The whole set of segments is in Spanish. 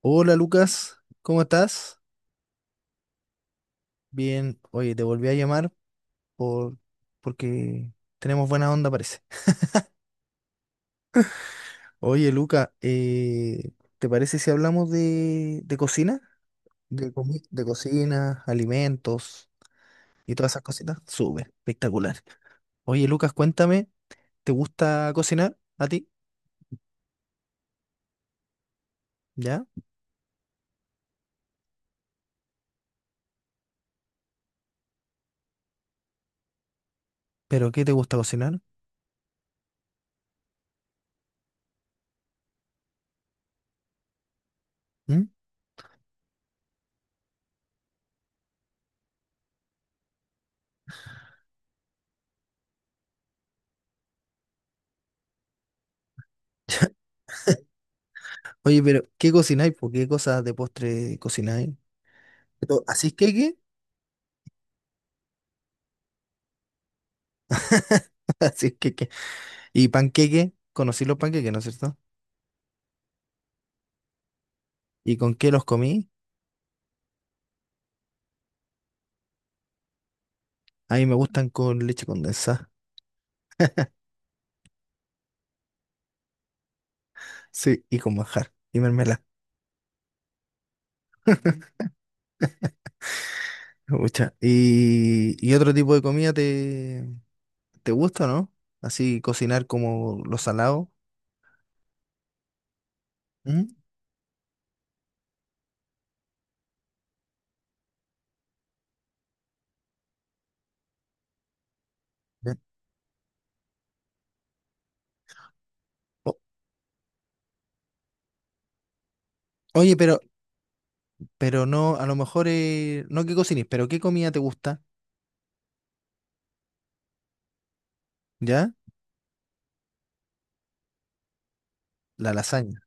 Hola Lucas, ¿cómo estás? Bien, oye, te volví a llamar por porque tenemos buena onda, parece. Oye Lucas, ¿te parece si hablamos de cocina? De cocina, alimentos y todas esas cositas. Súper, espectacular. Oye Lucas, cuéntame, ¿te gusta cocinar a ti? ¿Ya? ¿Pero qué te gusta cocinar? ¿Mm? Oye, pero ¿qué cocináis? ¿Por qué cosas de postre cocináis? ¿Así es que qué? ¿Así es que Y panqueque, conocí los panqueques, ¿no es cierto? ¿Y con qué los comí? A mí me gustan con leche condensada. Sí, y con manjar. Y mermelada. Pucha. ¿Y otro tipo de comida te gusta, no? Así cocinar como lo salado. ¿Mm? Ya. O- oye, pero no, a lo mejor, no que cocines, pero ¿qué comida te gusta? ¿Ya? La lasaña.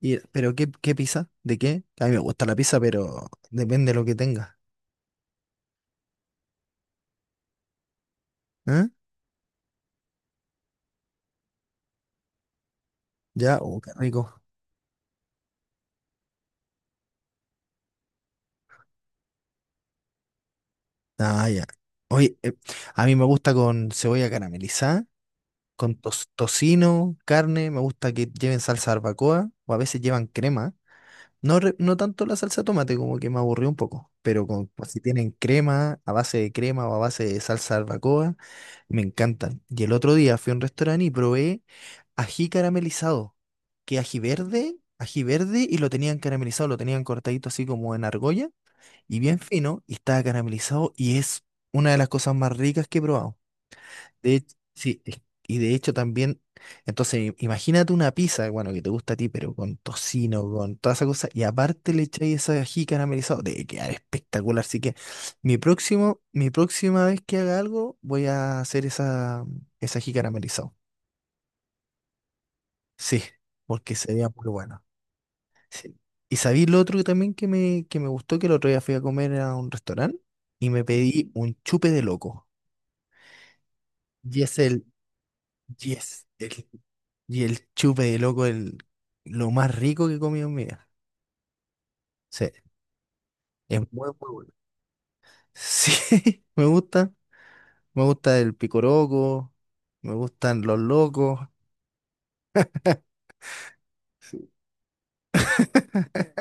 Y, ¿pero qué pizza? ¿De qué? A mí me gusta la pizza, pero depende de lo que tenga. ¿Eh? ¿Ya? Oh, qué rico. Ah, ya. Oye, a mí me gusta con cebolla caramelizada, con tocino, carne, me gusta que lleven salsa barbacoa o a veces llevan crema. No, no tanto la salsa de tomate, como que me aburrió un poco, pero con, pues, si tienen crema, a base de crema o a base de salsa barbacoa, me encantan. Y el otro día fui a un restaurante y probé ají caramelizado, que ají verde y lo tenían caramelizado, lo tenían cortadito así como en argolla y bien fino y estaba caramelizado y es una de las cosas más ricas que he probado. De hecho, sí, y de hecho también, entonces imagínate una pizza, bueno, que te gusta a ti, pero con tocino, con toda esa cosa, y aparte le echáis ese ají caramelizado, debe quedar espectacular. Así que mi próximo, mi próxima vez que haga algo, voy a hacer esa, ese ají caramelizado. Sí, porque sería muy bueno. Sí. Y sabí lo otro que también que me gustó, que el otro día fui a comer a un restaurante y me pedí un chupe de loco. Y es el, y es el, y el chupe de loco, el, lo más rico que he comido en mi vida. Sí, es muy, muy bueno. Sí, me gusta. Me gusta el picoroco, me gustan los locos. Sí.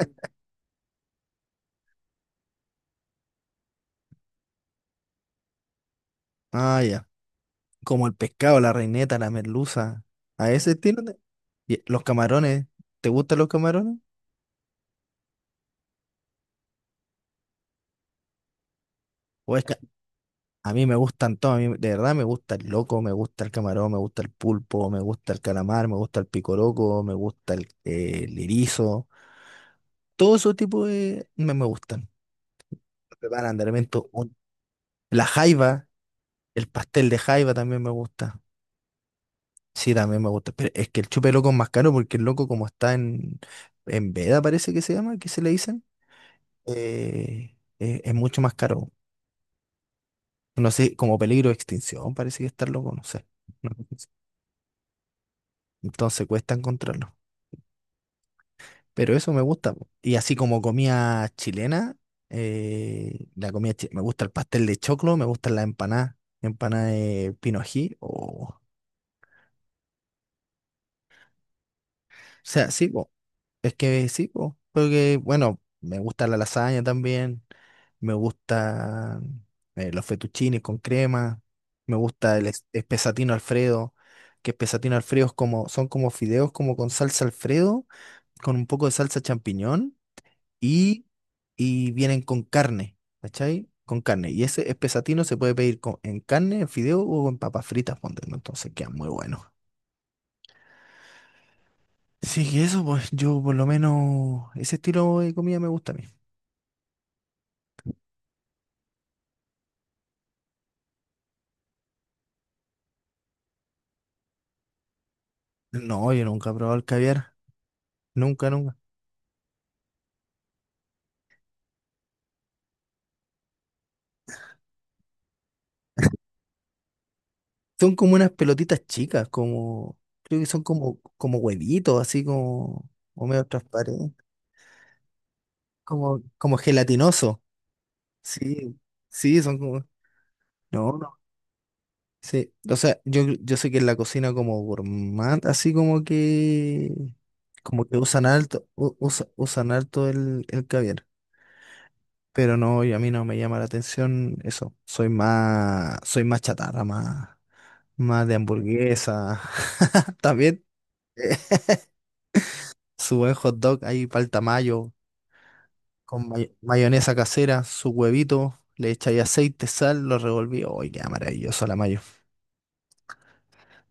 Ah, ya. Como el pescado, la reineta, la merluza. A ese estilo. Y los camarones. ¿Te gustan los camarones? ¿O es, ca- A mí me gustan todos, a mí de verdad me gusta el loco, me gusta el camarón, me gusta el pulpo, me gusta el calamar, me gusta el picoroco, me gusta el erizo. Todo ese tipo de me gustan. Preparan de elemento la jaiba, el pastel de jaiba también me gusta. Sí, también me gusta. Pero es que el chupe loco es más caro porque el loco como está en veda, parece que se llama, que se le dicen, es mucho más caro. No sé, como peligro de extinción, parece que está el loco, no sé. Entonces cuesta encontrarlo. Pero eso me gusta. Po. Y así como comida chilena, la comida me gusta el pastel de choclo, me gustan las empanadas, empanada de pinojí. O sea, sí, po, es que sí, po, porque bueno, me gusta la lasaña también, me gustan los fettuccines con crema, me gusta el espesatino Alfredo, que espesatino Alfredo es como, son como fideos como con salsa Alfredo, con un poco de salsa champiñón y, y vienen con carne, ¿cachai? Con carne. Y ese espesatino se puede pedir en carne, en fideo o en papas fritas, ponte, ¿no? Entonces queda muy bueno. Sí, que eso, pues yo por lo menos ese estilo de comida me gusta a mí. No, yo nunca he probado el caviar, nunca, nunca. Son como unas pelotitas chicas, como, creo que son como, como huevitos, así como, o medio transparentes, como, como gelatinoso. Sí, sí, son como... No, Sí, o sea, yo sé que en la cocina como gourmand, así como que usan alto, usan alto el caviar. Pero no, y a mí no me llama la atención eso. Soy más chatarra, más, más de hamburguesa. También eh, su buen hot dog ahí palta mayo, con mayonesa casera, su huevito, le echáis aceite, sal, lo revolví. ¡Ay, qué maravilloso la mayo!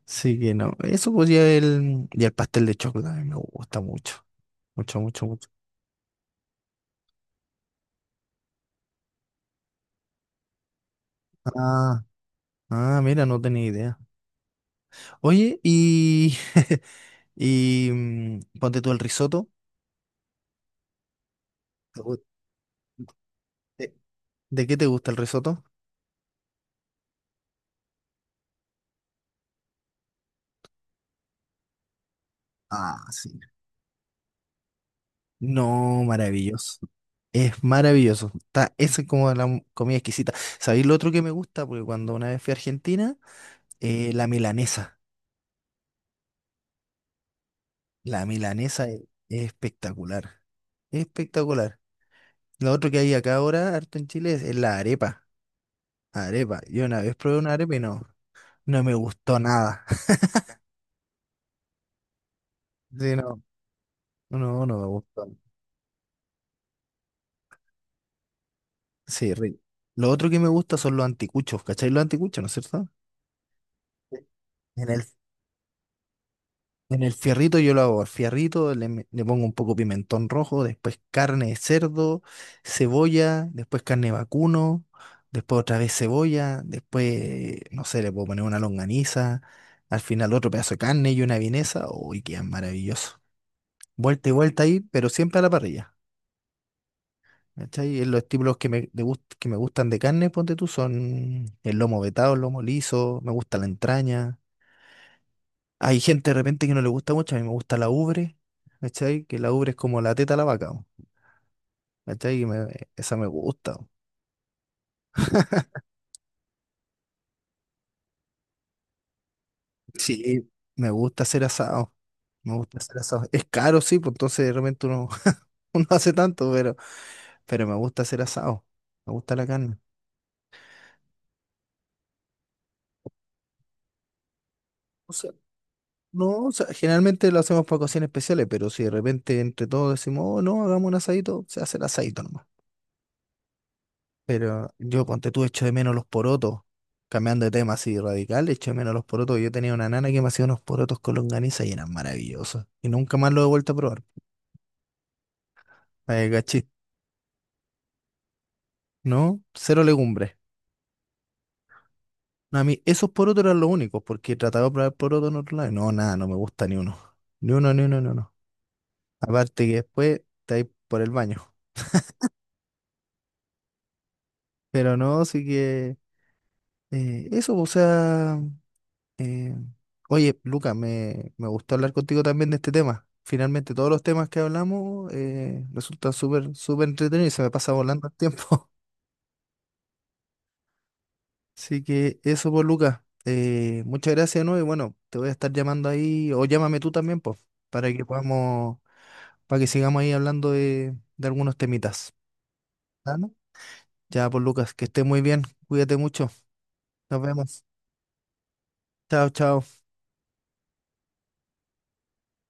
Sí que no. Eso pues y el pastel de chocolate a mí me gusta mucho. Mucho, mucho, mucho. Ah, ah, mira, no tenía idea. Oye, y, y mm, ponte tú el risotto. ¿Te gu- ¿De, de qué te gusta el risotto? Ah, sí. No, maravilloso. Es maravilloso. Está, esa es como la comida exquisita. ¿Sabéis lo otro que me gusta? Porque cuando una vez fui a Argentina, la milanesa. La milanesa es espectacular. Espectacular. Lo otro que hay acá ahora, harto en Chile, es la arepa. Arepa. Yo una vez probé una arepa y no, no me gustó nada. Sí, no, no, no me gustó. Sí, rico. Lo otro que me gusta son los anticuchos, ¿cachai? Los anticuchos, ¿no es cierto? Sí. En el, en el fierrito yo lo hago. Al fierrito le pongo un poco pimentón rojo, después carne de cerdo, cebolla, después carne de vacuno, después otra vez cebolla, después, no sé, le puedo poner una longaniza, al final otro pedazo de carne y una vienesa. Uy, qué maravilloso. Vuelta y vuelta ahí, pero siempre a la parrilla. ¿Cachai? Los estímulos que me gustan de carne, ponte tú, son el lomo vetado, el lomo liso, me gusta la entraña. Hay gente de repente que no le gusta mucho, a mí me gusta la ubre, ¿cachai? Que la ubre es como la teta a la vaca, ¿no? ¿Cachai? Esa me gusta. ¿No? Sí, me gusta hacer asado. Me gusta hacer asado. Es caro, sí, pues entonces de repente uno, uno hace tanto, pero me gusta hacer asado. Me gusta la carne. No, o sea, generalmente lo hacemos para ocasiones especiales, pero si de repente entre todos decimos, oh, no, hagamos un asadito, se hace el asadito nomás. Pero yo, ponte tú, echo de menos los porotos, cambiando de tema así radical, echo de menos los porotos. Yo tenía una nana que me hacía unos porotos con longaniza y eran maravillosos. Y nunca más lo he vuelto a probar. Cachí, ¿no? Cero legumbres. No, a mí esos porotos eran los únicos, porque he tratado de probar porotos en otro lado. Y No, nada, no me gusta ni uno. Ni uno, ni uno, ni uno. Aparte que después te vais por el baño. Pero no, sí que... eso, o sea, eh, oye, Luca, me gustó hablar contigo también de este tema. Finalmente, todos los temas que hablamos resultan súper, súper entretenidos y se me pasa volando el tiempo. Así que eso, por Luca. Muchas gracias, ¿no? Y bueno, te voy a estar llamando ahí, o llámame tú también, pues, para que podamos, para que sigamos ahí hablando de algunos temitas. ¿Ah, no? Ya, por Lucas, que estés muy bien, cuídate mucho, nos vemos. Chao, chao.